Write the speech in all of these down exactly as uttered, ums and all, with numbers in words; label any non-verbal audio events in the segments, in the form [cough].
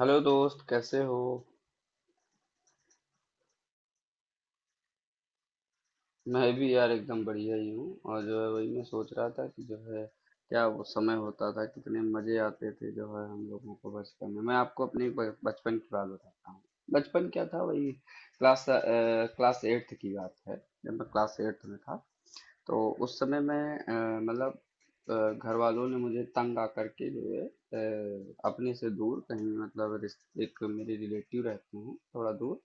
Hello दोस्त, कैसे हो? मैं भी यार एकदम बढ़िया ही हूँ। और जो है वही मैं सोच रहा था कि जो है क्या वो समय होता था, कितने मजे आते थे जो है हम लोगों को बचपन में। मैं आपको अपने ब- बचपन की बात बताता हूँ। बचपन क्या था, वही। क्लास अ, क्लास एट्थ की बात है। जब मैं क्लास एट्थ में था तो उस समय मैं अ, मतलब अ, घर वालों ने मुझे तंग आकर के जो है अ, अपने से दूर कहीं मतलब रिश्ते- एक मेरे रिलेटिव रहते हैं थोड़ा दूर।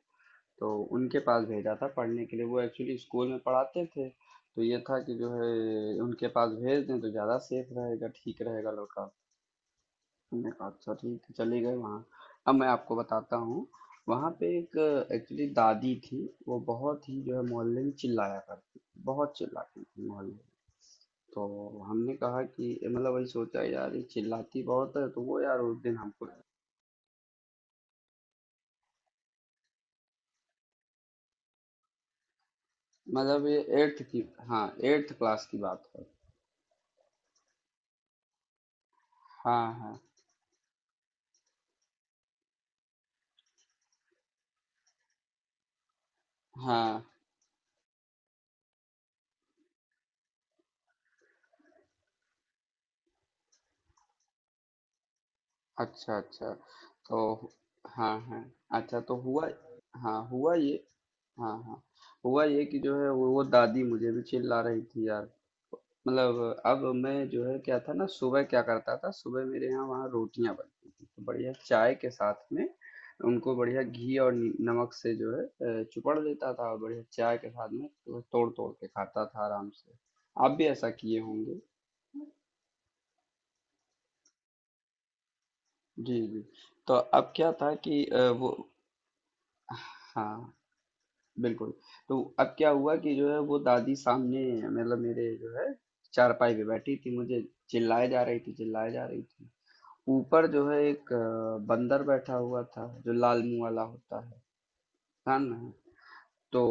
तो उनके पास भेजा था पढ़ने के लिए, वो एक्चुअली स्कूल में पढ़ाते थे तो ये था कि जो है उनके पास भेज दें तो ज़्यादा सेफ रहेगा, ठीक रहेगा लड़का। हमने कहा अच्छा ठीक है, चले गए वहाँ। अब मैं आपको बताता हूँ, वहाँ पे एक एक्चुअली दादी थी। वो बहुत ही जो है मोहल्ले में चिल्लाया करती थी, बहुत चिल्लाती थी मोहल्ले में। तो हमने कहा कि मतलब वही सोचा, यार ये चिल्लाती बहुत है तो वो यार उस दिन हमको। मतलब ये एट्थ की, हाँ एट्थ क्लास की बात है। हाँ, हाँ, हाँ, अच्छा, अच्छा। तो हाँ, हाँ। अच्छा तो हुआ, हाँ हुआ ये। हाँ, हाँ। हुआ ये कि जो है वो, वो दादी मुझे भी चिल्ला रही थी यार। मतलब अब मैं जो है क्या था ना, सुबह क्या करता था, सुबह मेरे यहाँ वहाँ रोटियां बनती थी तो बढ़िया चाय के साथ में। उनको बढ़िया घी और नी- नमक से जो है अ, चुपड़ लेता था और बढ़िया चाय के साथ में तो तोड़ तोड़ के खाता था आराम से। आप भी ऐसा किए होंगे। जी, जी। तो अब क्या था कि अ, वो। हाँ, बिल्कुल। तो अब क्या हुआ कि जो है वो दादी सामने मतलब मेरे जो है चारपाई पे बैठी थी, मुझे चिल्लाए जा रही थी, चिल्लाए जा रही थी। ऊपर जो है एक अ, बंदर बैठा हुआ था जो लाल मुंह वाला होता है। कान में तो।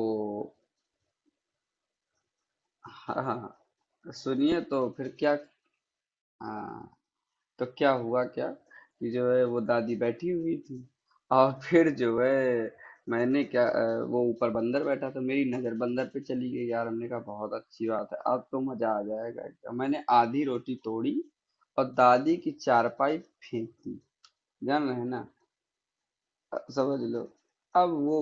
हाँ, हाँ, हाँ, सुनिए तो फिर क्या। हाँ तो क्या हुआ, क्या कि जो है वो दादी बैठी हुई थी और फिर जो है मैंने क्या, अ, वो ऊपर बंदर बैठा था, मेरी नजर बंदर पे चली गई यार। हमने कहा बहुत अच्छी बात है, अब तो मजा आ जाएगा एकदम। मैंने आधी रोटी तोड़ी और दादी की चारपाई फेंक दी, जान रहे ना, समझ लो। अब वो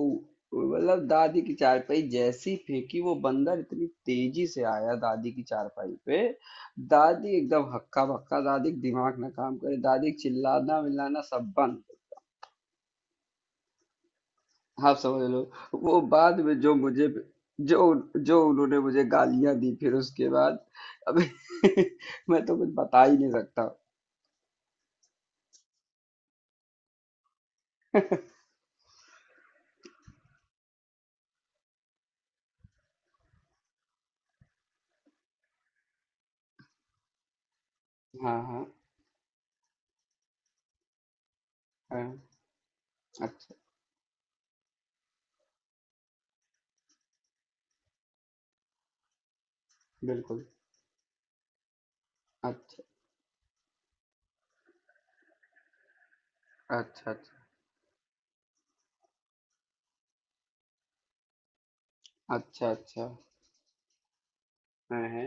मतलब दादी की चारपाई जैसी फेंकी, वो बंदर इतनी तेजी से आया दादी की चारपाई पे। दादी एकदम हक्का बक्का, दादी का दिमाग ना काम करे, दादी का चिल्लाना मिलाना सब बंद। आप समझ लो। वो बाद में जो मुझे, जो जो उन्होंने मुझे गालियां दी फिर उसके बाद, अब [laughs] मैं तो कुछ बता ही नहीं सकता। हाँ, हाँ, हाँ, अच्छा, बिल्कुल। अच्छा, अच्छा, अच्छा, अच्छा, अच्छा। हाँ है,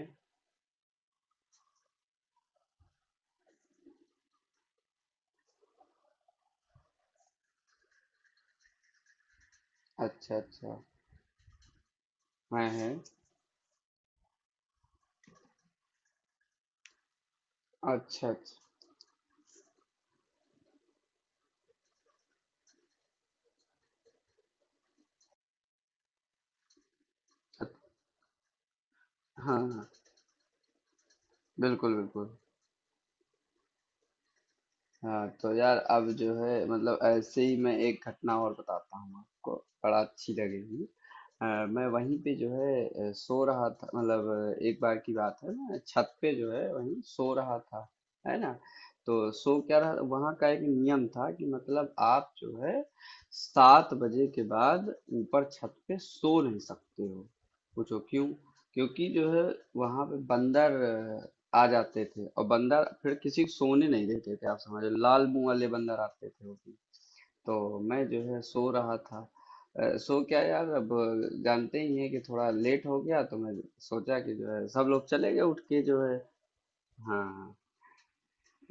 अच्छा, अच्छा। हैं, हैं। अच्छा, अच्छा। हाँ, हाँ। बिल्कुल, बिल्कुल। हाँ, तो यार अब जो है मतलब ऐसे ही मैं एक घटना और बताता हूँ आपको, बड़ा अच्छी लगेगी। अ, मैं वहीं पे जो है अ, सो रहा था मतलब अ, एक बार की बात है, मैं छत पे जो है वहीं सो रहा था, है ना। तो सो क्या रहा, वहाँ का एक नियम था कि मतलब आप जो है सात बजे के बाद ऊपर छत पे सो नहीं सकते हो। पूछो क्यों? क्योंकि जो है वहाँ पे बंदर आ जाते थे और बंदर फिर किसी को सोने नहीं देते थे। आप समझो, लाल मुंह वाले बंदर आते थे वो भी। तो मैं जो है सो रहा था। अ, सो क्या यार, अब जानते ही हैं कि थोड़ा लेट हो गया तो मैं सोचा कि जो है सब लोग चले गए, उठ के जो है। हाँ,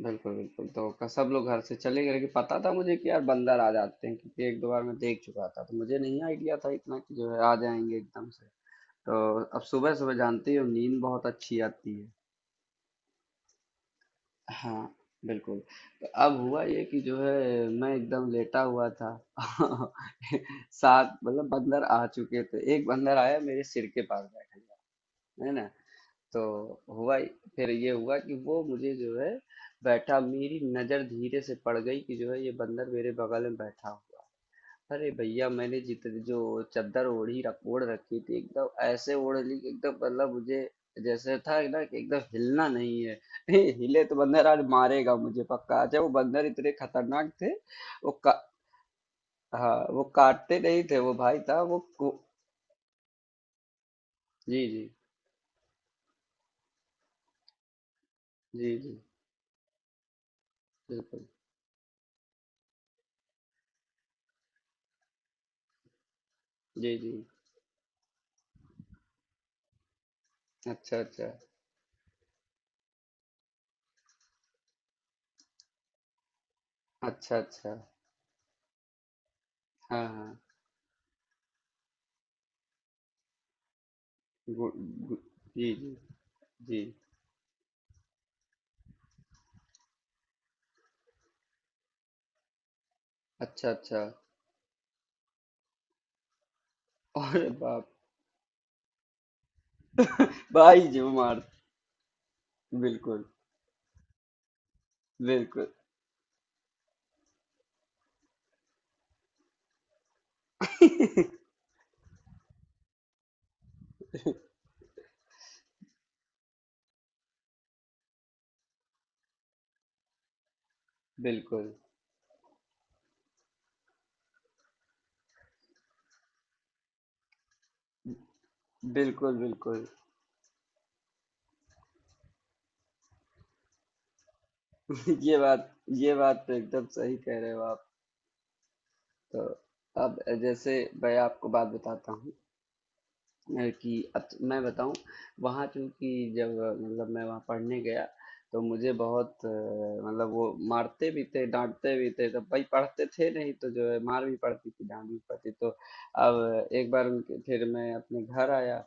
बिल्कुल, बिल्कुल। तो क- सब लोग घर से चले गए, लेकिन पता था मुझे कि यार बंदर आ जाते हैं क्योंकि एक दो बार मैं देख चुका था, तो मुझे नहीं आइडिया था इतना कि जो है आ जाएंगे एकदम से। तो अब सुबह सुबह जानते ही हो, नींद बहुत अच्छी आती है। हाँ, बिल्कुल। तो अब हुआ ये कि जो है मैं एकदम लेटा हुआ था। [laughs] सात मतलब बंदर आ चुके थे, एक बंदर आया मेरे सिर के पास बैठ गया, है ना। तो हुआ, फिर ये हुआ कि वो मुझे जो है बैठा, मेरी नजर धीरे से पड़ गई कि जो है ये बंदर मेरे बगल में बैठा हुआ है। अरे भैया, मैंने जितनी जो चादर ओढ़ी रख ओढ़ रखी थी एकदम ऐसे ओढ़ ली कि एकदम मतलब मुझे, जैसे था ना कि एकदम हिलना नहीं है। [laughs] हिले तो बंदर आज मारेगा मुझे पक्का, अच्छा वो बंदर इतने खतरनाक थे। वो का, हाँ वो काटते नहीं थे, वो भाई था। वो को, जी, जी। जी, जी, बिल्कुल। जी, जी। अच्छा, अच्छा। अच्छा, अच्छा। हाँ, हाँ। गु, गु, जी, जी, जी। अच्छा, अच्छा। [laughs] अरे बाप! भाई जो मार। बिल्कुल, बिल्कुल। [laughs] बिल्कुल, बिल्कुल, बिल्कुल। [laughs] ये बात ये बात तो एकदम सही कह रहे हो आप। तो, अब जैसे मैं आपको बात बताता हूँ अ, कि अब तो मैं बताऊँ, वहाँ चूँकि जब मतलब मैं वहाँ पढ़ने गया तो मुझे बहुत अ, मतलब वो मारते भी थे, डाँटते भी थे, तो भाई पढ़ते थे नहीं तो जो है मार भी पड़ती थी, डाँट भी पड़ती। तो अब एक बार उनके, फिर मैं अपने घर आया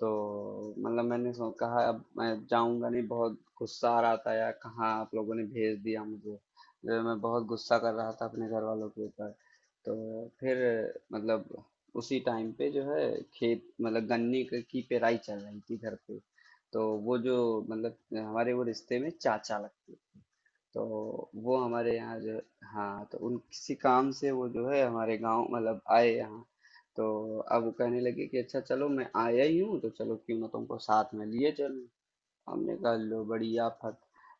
तो मतलब मैंने सो कहा अब मैं जाऊँगा नहीं, बहुत गुस्सा आ रहा था यार, कहाँ आप लोगों ने भेज दिया मुझे। जो है मैं बहुत गुस्सा कर रहा था अपने घर वालों के ऊपर। तो फिर मतलब उसी टाइम पे जो है खेत मतलब गन्ने क- की पेराई चल रही थी घर पे। तो वो जो मतलब हमारे वो रिश्ते में चाचा लगते, तो वो हमारे यहाँ जो, हाँ तो उन किसी काम से वो जो है हमारे गांव मतलब आए यहाँ। तो अब वो कहने लगे कि अच्छा चलो, मैं आया ही हूँ तो चलो क्यों ना तुमको साथ में लिए चलूँ। हमने कहा लो बड़ी आफत।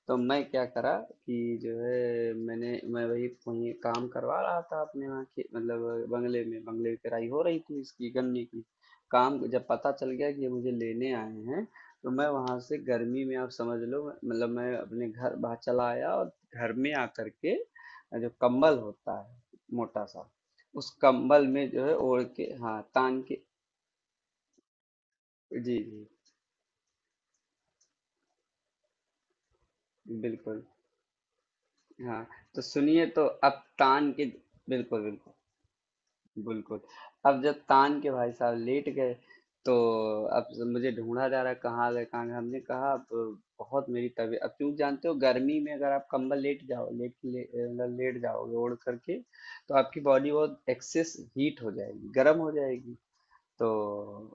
तो मैं क्या करा कि जो है मैंने मैं वही वही काम करवा रहा था अपने वहाँ के मतलब बंगले में, बंगले की किराई हो रही थी इसकी गन्ने की। काम, जब पता चल गया कि ये मुझे लेने आए हैं, तो मैं वहाँ से गर्मी में आप समझ लो मतलब मैं अपने घर बाहर चला आया और घर में आकर के जो कंबल होता है मोटा सा, उस कंबल में जो है ओढ़ के हाँ तान के। जी, जी, बिल्कुल। हाँ तो सुनिए, तो अब तान के। बिल्कुल, बिल्कुल, बिल्कुल। अब जब तान के भाई साहब लेट गए, तो अब जब मुझे ढूंढा जा रहा है, कहाँ गए कहाँ गए, हमने कहा अब बहुत मेरी तबीयत। अब क्यों, जानते हो, गर्मी में अगर आप कंबल लेट जाओ लेट ले, मतलब लेट जाओगे ओढ़ करके तो आपकी बॉडी बहुत एक्सेस हीट हो जाएगी, गर्म हो जाएगी तो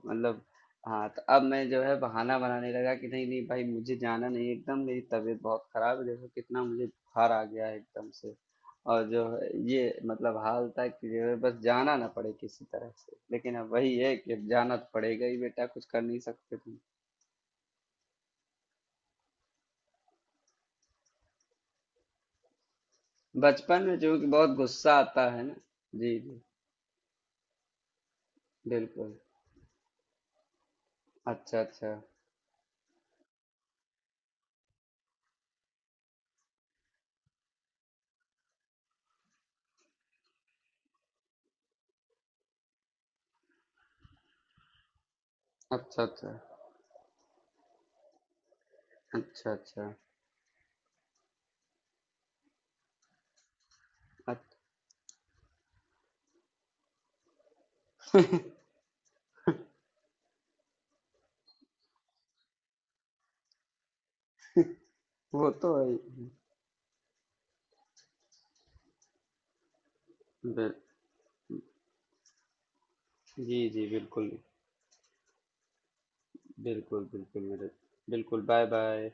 मतलब हाँ। तो अब मैं जो है बहाना बनाने लगा कि नहीं नहीं भाई मुझे जाना नहीं है, एकदम मेरी तबीयत बहुत खराब है, देखो कितना मुझे बुखार आ गया है एकदम से। और जो है ये मतलब हाल था कि जो है बस जाना ना पड़े किसी तरह से, लेकिन अब वही है कि अब जाना तो पड़ेगा ही बेटा, कुछ कर नहीं सकते तुम। बचपन में जो कि बहुत गुस्सा आता है ना। जी, जी, बिल्कुल। अच्छा, अच्छा, अच्छा, अच्छा, अच्छा, अच्छा, अच्छा। वो तो है ही। बिल- जी, जी, बिल्कुल। बिल्कुल, बिल्कुल, मेरे। बिल्कुल, बाय-बाय।